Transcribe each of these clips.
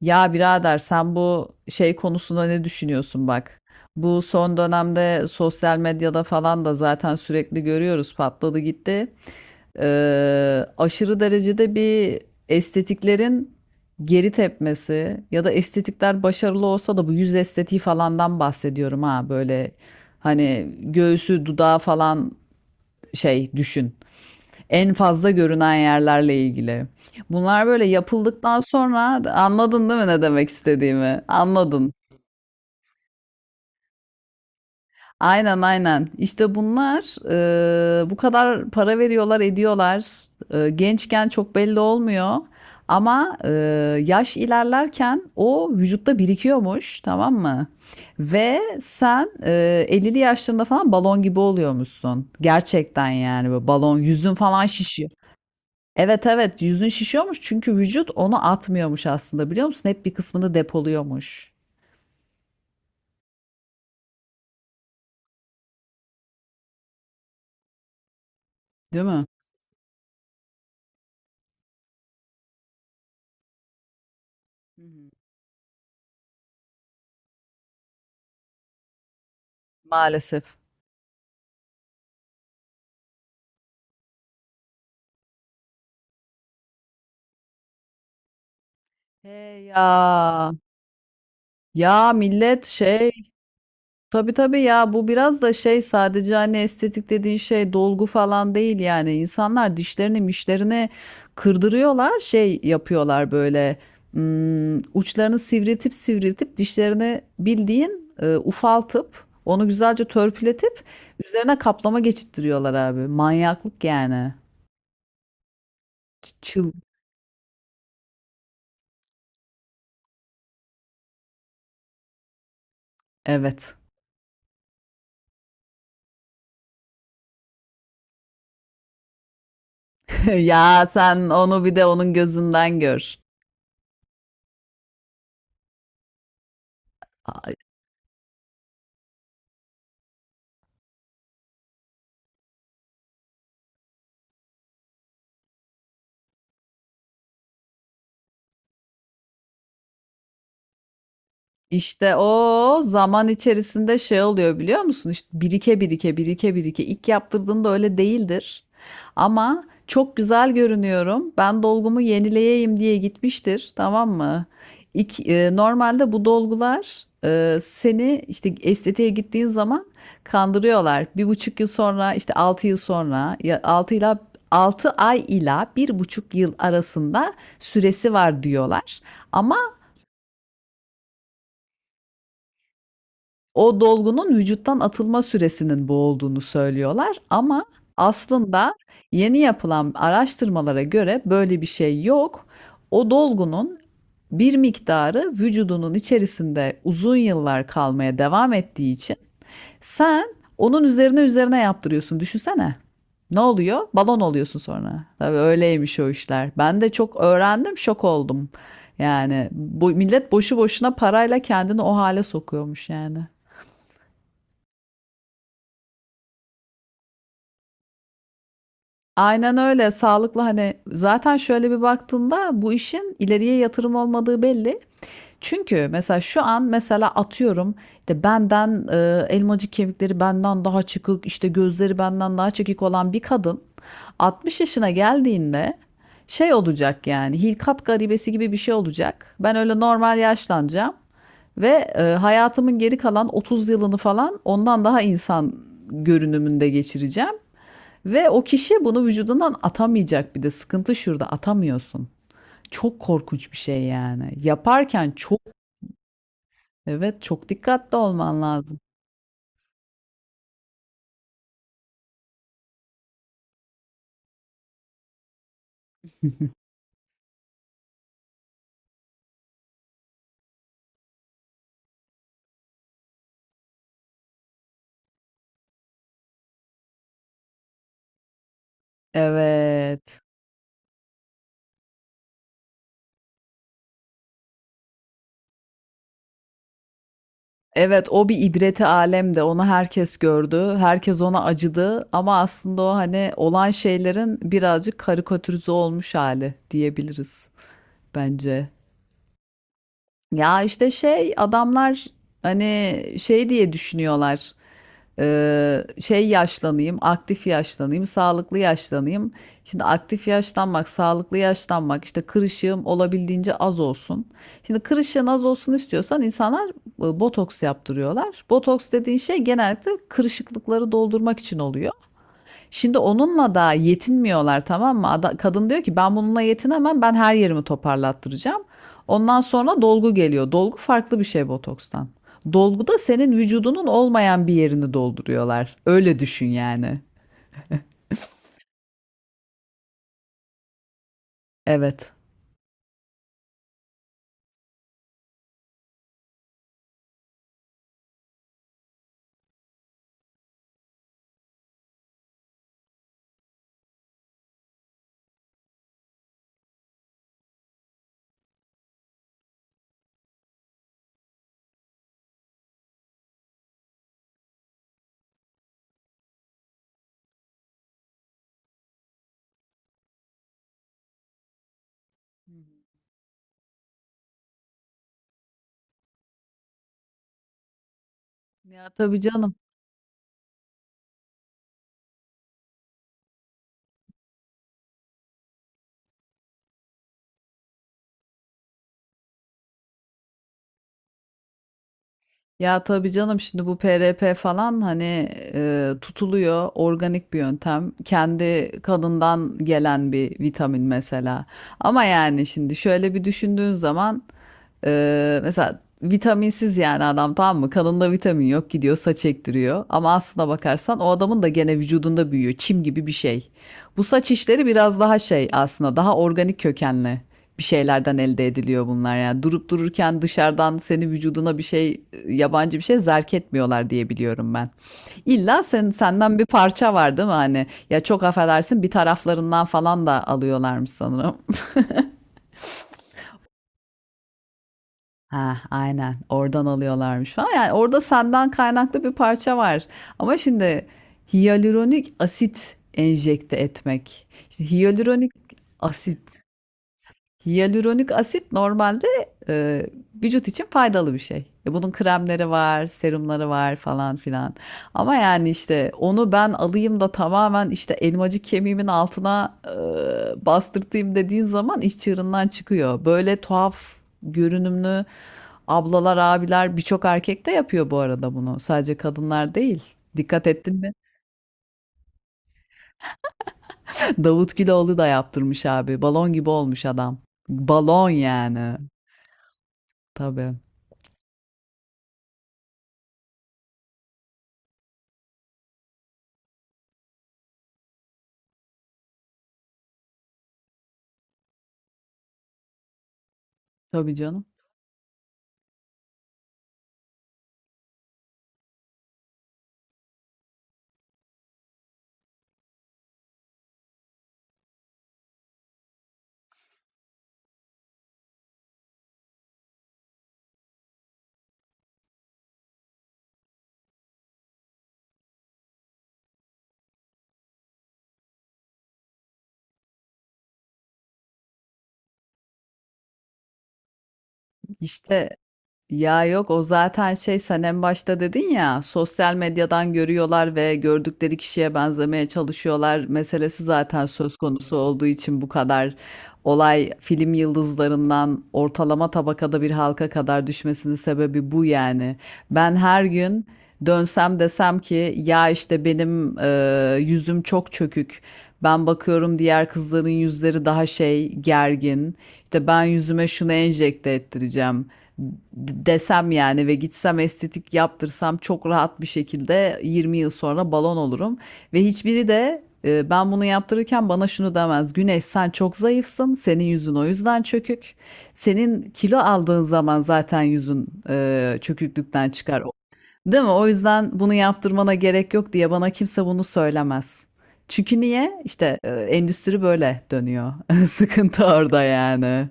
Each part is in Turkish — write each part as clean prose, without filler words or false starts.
Ya birader, sen bu şey konusunda ne düşünüyorsun bak? Bu son dönemde sosyal medyada falan da zaten sürekli görüyoruz, patladı gitti. Aşırı derecede bir estetiklerin geri tepmesi ya da estetikler başarılı olsa da bu yüz estetiği falandan bahsediyorum, ha böyle, hani göğsü dudağı falan, şey düşün. En fazla görünen yerlerle ilgili. Bunlar böyle yapıldıktan sonra anladın değil mi ne demek istediğimi? Anladın. Aynen aynen. İşte bunlar bu kadar para veriyorlar, ediyorlar. Gençken çok belli olmuyor. Ama yaş ilerlerken o vücutta birikiyormuş, tamam mı? Ve sen, e, 50'li yaşlarında falan balon gibi oluyormuşsun. Gerçekten yani böyle balon, yüzün falan şişiyor. Evet evet, yüzün şişiyormuş çünkü vücut onu atmıyormuş aslında, biliyor musun? Hep bir kısmını depoluyormuş. Değil mi? Hı hı. Maalesef. He ya. Ya ya millet şey. Tabii tabii, ya bu biraz da şey, sadece hani estetik dediğin şey dolgu falan değil, yani insanlar dişlerini mişlerini kırdırıyorlar, şey yapıyorlar böyle, uçlarını sivriltip sivriltip dişlerini bildiğin, ufaltıp onu güzelce törpületip üzerine kaplama geçittiriyorlar, abi manyaklık yani. Ç- çıl evet. Ya sen onu bir de onun gözünden gör. İşte o zaman içerisinde şey oluyor biliyor musun? İşte birike birike birike birike. İlk yaptırdığında öyle değildir. Ama çok güzel görünüyorum, ben dolgumu yenileyeyim diye gitmiştir, tamam mı? İlk, normalde bu dolgular, seni işte estetiğe gittiğin zaman kandırıyorlar. Bir buçuk yıl sonra işte altı yıl sonra, ya altı ila 6 ay ila bir buçuk yıl arasında süresi var diyorlar. Ama o dolgunun vücuttan atılma süresinin bu olduğunu söylüyorlar, ama aslında yeni yapılan araştırmalara göre böyle bir şey yok. O dolgunun bir miktarı vücudunun içerisinde uzun yıllar kalmaya devam ettiği için sen onun üzerine yaptırıyorsun. Düşünsene. Ne oluyor? Balon oluyorsun sonra. Tabii öyleymiş o işler. Ben de çok öğrendim, şok oldum. Yani bu millet boşu boşuna parayla kendini o hale sokuyormuş yani. Aynen öyle. Sağlıklı, hani zaten şöyle bir baktığında bu işin ileriye yatırım olmadığı belli. Çünkü mesela şu an, mesela atıyorum işte benden, elmacık kemikleri benden daha çıkık, işte gözleri benden daha çekik olan bir kadın 60 yaşına geldiğinde şey olacak yani, hilkat garibesi gibi bir şey olacak. Ben öyle normal yaşlanacağım ve, hayatımın geri kalan 30 yılını falan ondan daha insan görünümünde geçireceğim. Ve o kişi bunu vücudundan atamayacak, bir de sıkıntı şurada, atamıyorsun. Çok korkunç bir şey yani. Yaparken çok, evet, çok dikkatli olman lazım. Evet. Evet, o bir ibreti alemde, onu herkes gördü. Herkes ona acıdı ama aslında o, hani olan şeylerin birazcık karikatürize olmuş hali diyebiliriz bence. Ya işte şey adamlar, hani şey diye düşünüyorlar. Şey yaşlanayım, aktif yaşlanayım, sağlıklı yaşlanayım. Şimdi aktif yaşlanmak, sağlıklı yaşlanmak, işte kırışığım olabildiğince az olsun. Şimdi kırışığın az olsun istiyorsan insanlar, botoks yaptırıyorlar. Botoks dediğin şey genellikle kırışıklıkları doldurmak için oluyor. Şimdi onunla da yetinmiyorlar, tamam mı? Ada- kadın diyor ki ben bununla yetinemem, ben her yerimi toparlattıracağım. Ondan sonra dolgu geliyor. Dolgu farklı bir şey botokstan. Dolguda senin vücudunun olmayan bir yerini dolduruyorlar. Öyle düşün yani. Evet. Ya tabii canım. Ya tabii canım, şimdi bu PRP falan hani, tutuluyor, organik bir yöntem. Kendi kadından gelen bir vitamin mesela. Ama yani şimdi şöyle bir düşündüğün zaman, mesela vitaminsiz, yani adam, tamam mı? Kanında vitamin yok, gidiyor saç ektiriyor. Ama aslına bakarsan o adamın da gene vücudunda büyüyor. Çim gibi bir şey. Bu saç işleri biraz daha şey aslında, daha organik kökenli bir şeylerden elde ediliyor bunlar. Yani durup dururken dışarıdan senin vücuduna bir şey, yabancı bir şey zerk etmiyorlar diye biliyorum ben. İlla sen, senden bir parça var değil mi? Hani ya, çok affedersin, bir taraflarından falan da alıyorlarmış sanırım. Ha, aynen oradan alıyorlarmış falan. Yani orada senden kaynaklı bir parça var. Ama şimdi hyaluronik asit enjekte etmek. İşte hyaluronik asit. Hyaluronik asit normalde, e, vücut için faydalı bir şey. E, bunun kremleri var, serumları var falan filan. Ama yani işte onu ben alayım da tamamen işte elmacık kemiğimin altına, bastırtayım dediğin zaman iş çığırından çıkıyor. Böyle tuhaf görünümlü ablalar, abiler, birçok erkek de yapıyor bu arada bunu. Sadece kadınlar değil. Dikkat ettin mi? Davut Güloğlu da yaptırmış abi. Balon gibi olmuş adam. Balon yani. Tabii. Tabii canım. İşte ya yok, o zaten şey, sen en başta dedin ya, sosyal medyadan görüyorlar ve gördükleri kişiye benzemeye çalışıyorlar meselesi zaten söz konusu olduğu için bu kadar olay film yıldızlarından ortalama tabakada bir halka kadar düşmesinin sebebi bu yani. Ben her gün dönsem desem ki ya işte benim, yüzüm çok çökük. Ben bakıyorum diğer kızların yüzleri daha şey gergin. İşte ben yüzüme şunu enjekte ettireceğim desem yani ve gitsem estetik yaptırsam çok rahat bir şekilde 20 yıl sonra balon olurum. Ve hiçbiri de, ben bunu yaptırırken bana şunu demez. Güneş, sen çok zayıfsın. Senin yüzün o yüzden çökük. Senin kilo aldığın zaman zaten yüzün, çöküklükten çıkar. Değil mi? O yüzden bunu yaptırmana gerek yok diye bana kimse bunu söylemez. Çünkü niye? İşte, endüstri böyle dönüyor. Sıkıntı orada yani.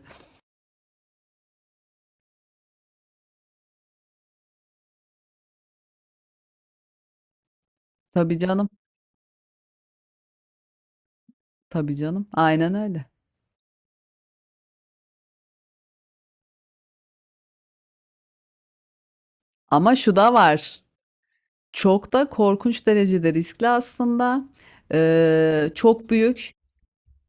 Tabii canım. Tabii canım. Aynen öyle. Ama şu da var. Çok da korkunç derecede riskli aslında. Çok büyük.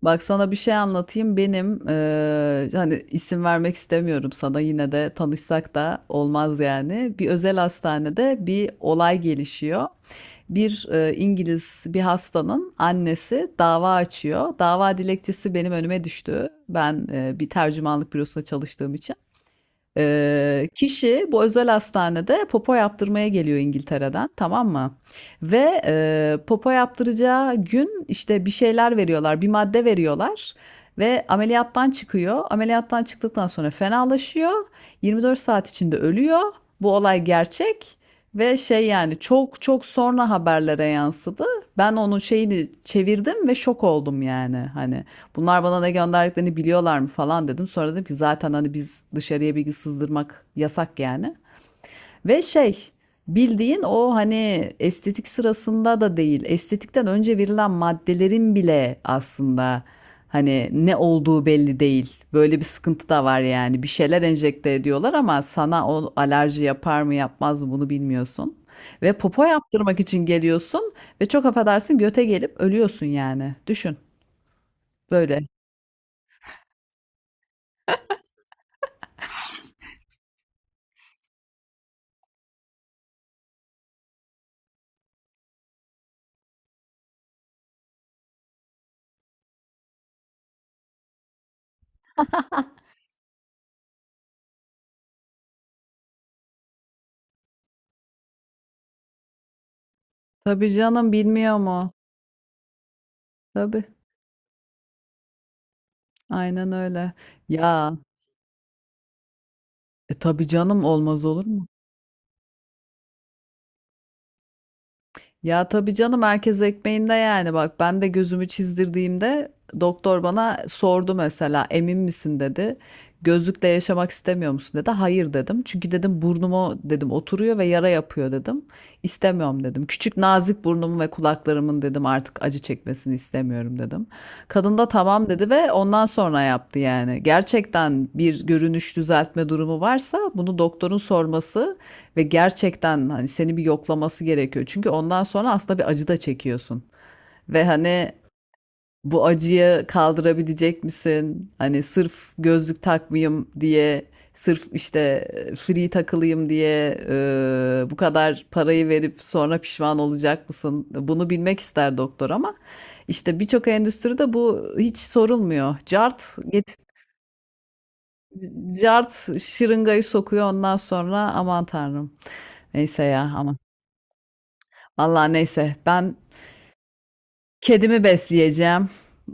Bak sana bir şey anlatayım. Benim, hani isim vermek istemiyorum sana, yine de tanışsak da olmaz yani. Bir özel hastanede bir olay gelişiyor. Bir İngiliz bir hastanın annesi dava açıyor. Dava dilekçesi benim önüme düştü. Ben, bir tercümanlık bürosunda çalıştığım için. Kişi bu özel hastanede popo yaptırmaya geliyor İngiltere'den, tamam mı? Ve, popo yaptıracağı gün işte bir şeyler veriyorlar, bir madde veriyorlar ve ameliyattan çıkıyor. Ameliyattan çıktıktan sonra fenalaşıyor. 24 saat içinde ölüyor. Bu olay gerçek ve şey yani, çok çok sonra haberlere yansıdı. Ben onun şeyini çevirdim ve şok oldum yani hani. Bunlar bana ne gönderdiklerini biliyorlar mı falan dedim. Sonra dedim ki zaten hani biz dışarıya bilgi sızdırmak yasak yani. Ve şey, bildiğin o hani estetik sırasında da değil. Estetikten önce verilen maddelerin bile aslında hani ne olduğu belli değil. Böyle bir sıkıntı da var yani. Bir şeyler enjekte ediyorlar ama sana o alerji yapar mı yapmaz mı bunu bilmiyorsun. Ve popo yaptırmak için geliyorsun ve çok affedersin, göte gelip ölüyorsun yani. Düşün böyle. Tabii canım, bilmiyor mu? Tabii. Aynen öyle. Ya, tabii canım, olmaz olur mu? Ya tabii canım, herkes ekmeğinde yani. Bak ben de gözümü çizdirdiğimde doktor bana sordu mesela, emin misin dedi. Gözlükle yaşamak istemiyor musun dedi. Hayır dedim. Çünkü dedim burnumu dedim oturuyor ve yara yapıyor dedim. İstemiyorum dedim. Küçük nazik burnumun ve kulaklarımın dedim artık acı çekmesini istemiyorum dedim. Kadın da tamam dedi ve ondan sonra yaptı yani. Gerçekten bir görünüş düzeltme durumu varsa bunu doktorun sorması ve gerçekten hani seni bir yoklaması gerekiyor. Çünkü ondan sonra aslında bir acı da çekiyorsun. Ve hani bu acıyı kaldırabilecek misin? Hani sırf gözlük takmayayım diye, sırf işte free takılayım diye, bu kadar parayı verip sonra pişman olacak mısın? Bunu bilmek ister doktor ama işte birçok endüstride bu hiç sorulmuyor. Cart get, cart şırıngayı sokuyor ondan sonra, aman tanrım. Neyse ya, aman. Allah, neyse ben kedimi besleyeceğim.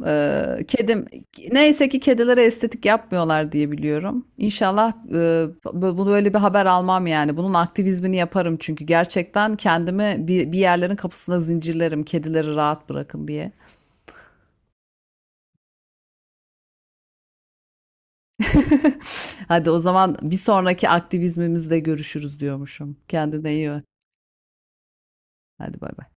Kedim neyse ki kedilere estetik yapmıyorlar diye biliyorum. İnşallah, bunu böyle bir haber almam yani. Bunun aktivizmini yaparım çünkü gerçekten kendimi bir yerlerin kapısına zincirlerim, kedileri rahat bırakın diye. Hadi o zaman bir sonraki aktivizmimizde görüşürüz diyormuşum. Kendine iyi bak. Hadi bay bay.